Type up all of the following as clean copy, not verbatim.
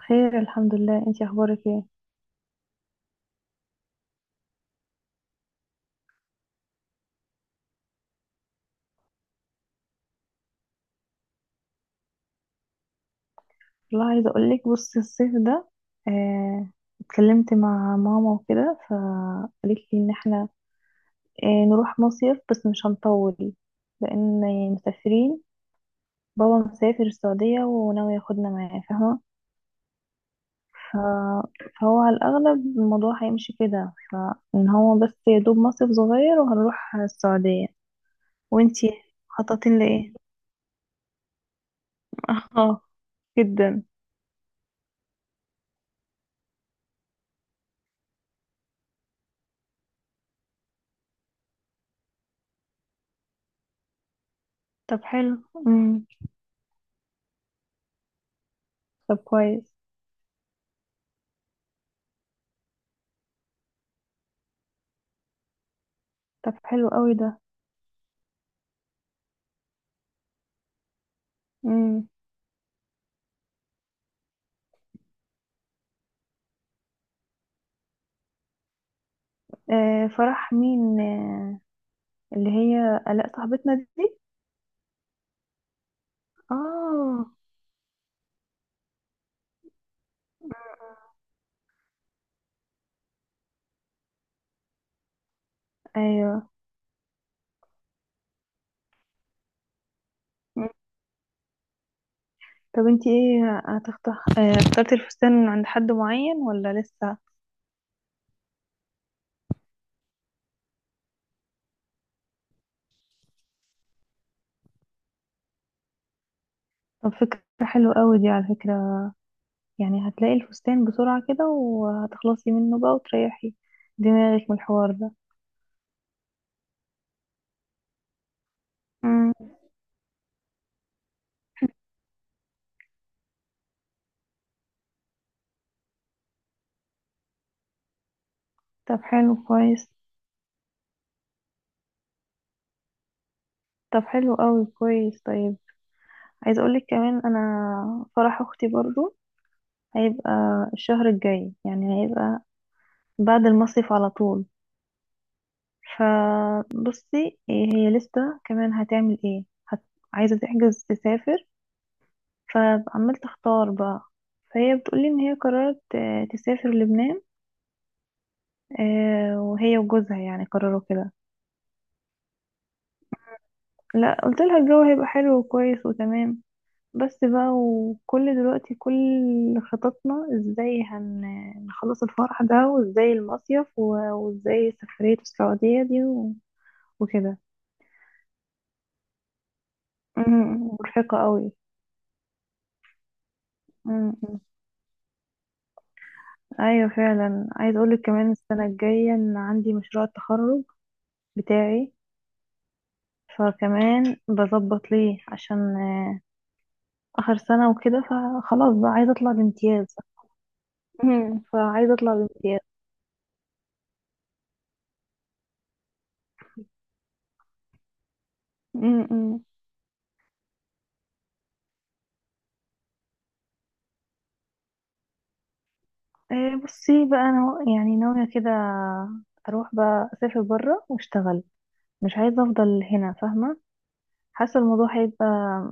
خير، الحمد لله. انتي اخبارك ايه؟ والله عايزه اقول لك، بصي الصيف ده، آه اتكلمت مع ماما وكده، فقالت لي ان احنا نروح مصيف، بس مش هنطول، لان يعني مسافرين. بابا مسافر السعوديه وناوي ياخدنا معاه، فاهمه؟ ف... فهو على الاغلب الموضوع هيمشي كده، فان هو بس يا دوب مصيف صغير وهنروح السعوديه. وانتي مخططين لايه؟ اه، جدا. طب حلو. مم. طب كويس. طب حلو قوي ده. امم فرح مين؟ آه، اللي هي آلاء صاحبتنا دي. اه، ايوه. مم. طب انتي ايه هتختار، اخترتي الفستان عند حد معين ولا لسه؟ طب فكرة حلوة قوي دي على فكرة. يعني هتلاقي الفستان بسرعة كده وهتخلصي منه بقى وتريحي دماغك من الحوار ده. امم. طب حلو، كويس. طب حلو قوي، كويس، طيب. عايزة اقولك كمان، انا فرح اختي برضو هيبقى الشهر الجاي، يعني هيبقى بعد المصيف على طول. فبصي إيه، هي لسه كمان هتعمل ايه، عايزة تحجز تسافر، فعمال تختار بقى. فهي بتقولي ان هي قررت تسافر لبنان. وهي وجوزها يعني قرروا كده. لا، قلت لها الجو هيبقى حلو وكويس وتمام. بس بقى، وكل دلوقتي كل خططنا ازاي هنخلص الفرح ده وازاي المصيف وازاي سفرية السعودية دي وكده. مرهقة قوي. أمم، أيوة فعلا. عايز أقولك كمان، السنة الجاية إن عندي مشروع التخرج بتاعي، فكمان بظبط ليه، عشان آخر سنة وكده، فخلاص بقى عايزة أطلع بامتياز. مم. فعايزة أطلع بامتياز. مم. بصي بقى أنا يعني ناوية كده أروح بقى أسافر برا وأشتغل. مش عايزة أفضل هنا، فاهمة. حاسة الموضوع هيبقى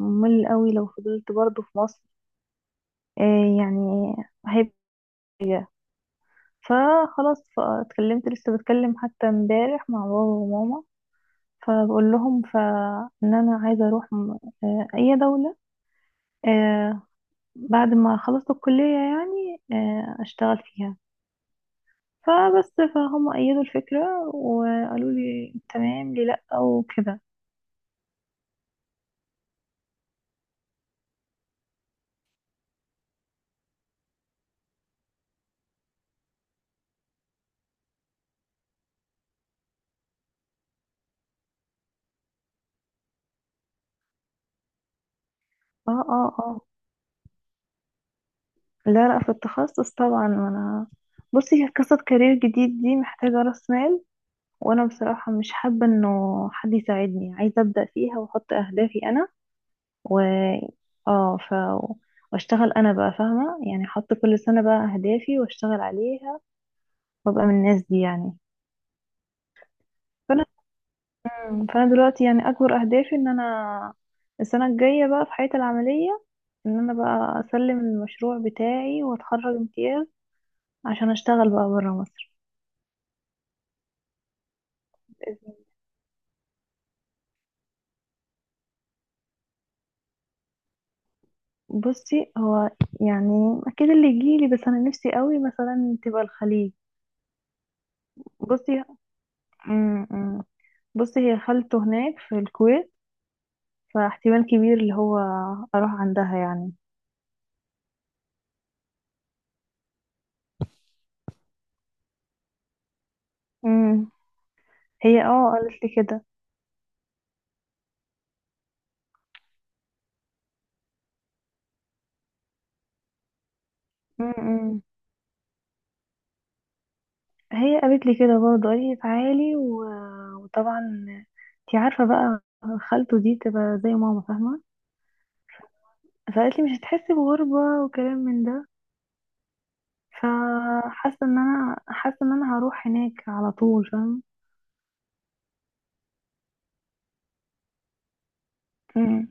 ممل قوي لو فضلت برضه في مصر. آه، يعني Yeah. فخلاص، فاتكلمت، لسه بتكلم حتى امبارح مع بابا وماما، فبقول لهم ف ان انا عايزه اروح اي دوله، آه، بعد ما خلصت الكليه يعني، اشتغل فيها. فبس فهم ايدوا الفكره وقالوا لي تمام لي لا او كده. اه. لا لا، في التخصص طبعا. انا بصي قصة كارير جديد دي محتاجة راس مال، وانا بصراحة مش حابة انه حد يساعدني، عايزة ابدأ فيها واحط اهدافي انا. و اه، ف واشتغل انا بقى، فاهمة؟ يعني احط كل سنة بقى اهدافي واشتغل عليها وابقى من الناس دي يعني. فانا مم. فانا دلوقتي يعني اكبر اهدافي ان انا السنة الجاية بقى في حياتي العملية ان انا بقى اسلم المشروع بتاعي واتخرج امتياز عشان اشتغل بقى برا مصر. بصي هو يعني اكيد اللي يجيلي، بس انا نفسي قوي مثلا تبقى الخليج. بصي، م -م. بصي هي خالته هناك في الكويت، فاحتمال كبير اللي هو اروح عندها يعني. امم. هي اه قالت لي كده. امم. هي قالت لي كده برضه، قالت لي تعالي وطبعا انتي عارفة بقى، خالته دي تبقى زي ماما، فاهمة؟ فقالت لي مش هتحسي بغربة وكلام من ده. فحاسة ان انا، حاسة ان انا هروح هناك على طول، فاهمة. امم.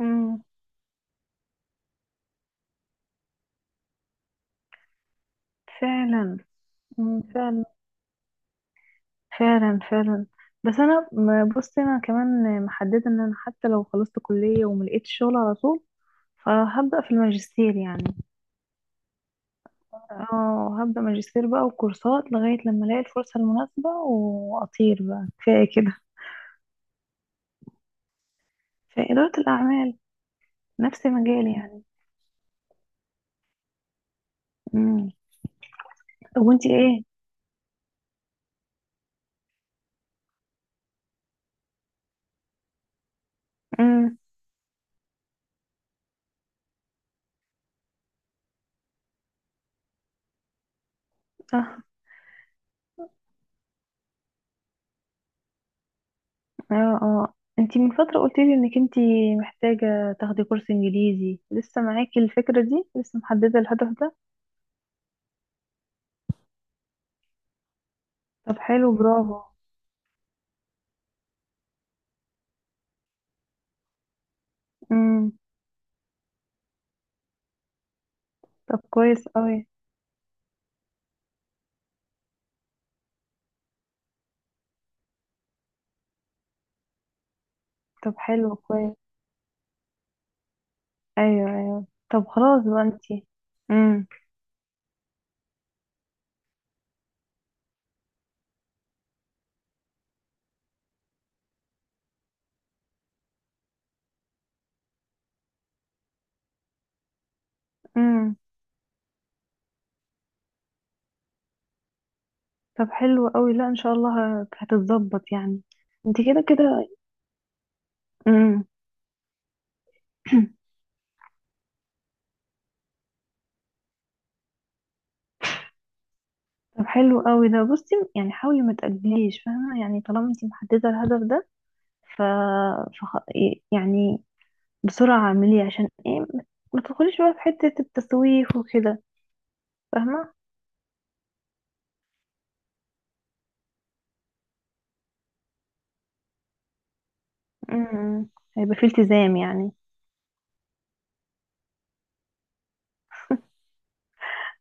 امم، فعلا. فعلا. فعلا. بس انا بصي انا كمان محدده ان انا حتى لو خلصت كليه وما لقيتش شغل على طول، فهبدا في الماجستير يعني. اه، هبدا ماجستير بقى وكورسات، لغايه لما الاقي الفرصه المناسبه واطير بقى، كفايه كده. في اداره الاعمال، نفس مجالي يعني. امم. طب وانتي ايه؟ امم. اه اه اه. انتي من فتره قلتي لي انك انتي محتاجه تاخدي كورس انجليزي، لسه معاكي الفكره دي؟ لسه محدده الهدف ده؟ طب حلو، برافو. امم. طب كويس قوي. طب حلو، كويس. ايوه ايوه. طب خلاص بقى انتي. امم. امم. طب حلو قوي، لا ان شاء الله هتتظبط يعني، انتي كده كده. امم. طب حلو قوي ده. بصي يعني حاولي ما تأجليش، فاهمه؟ يعني طالما انتي محدده الهدف ده، ف... فخ... يعني بسرعه اعمليه، عشان ايه ما ما تدخليش بقى في حته التسويف وكده. فاهمه. امم. هيبقى فيه التزام يعني.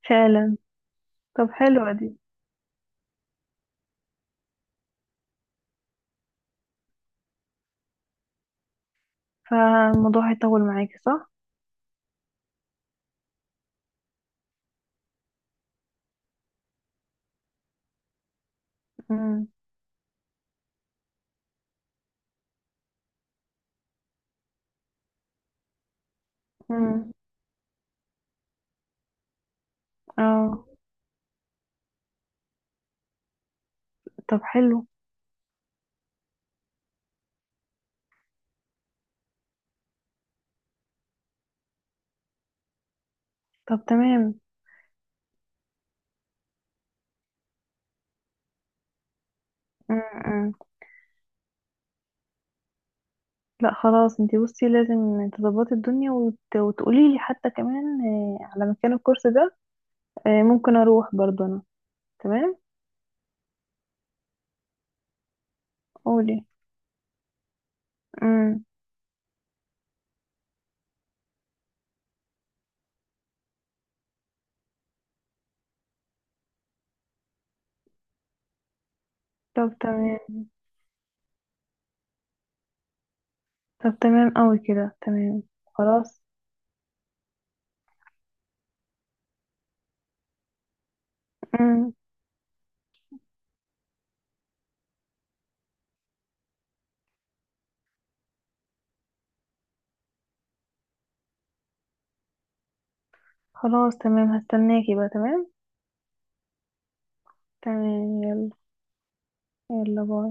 فعلا. طب حلوة دي. فالموضوع هيطول معاكي، صح؟ مم. مم. اه. طب حلو. طب تمام. مم. مم. لا خلاص، انتي بصي لازم تظبطي الدنيا وتقولي لي حتى كمان على مكان الكورس ده. ممكن اروح برضه انا. تمام. قولي. مم. طب تمام. طب تمام قوي كده، تمام. خلاص. مم. خلاص تمام، هستناكي بقى. تمام. تمام، يلا. يلا باي.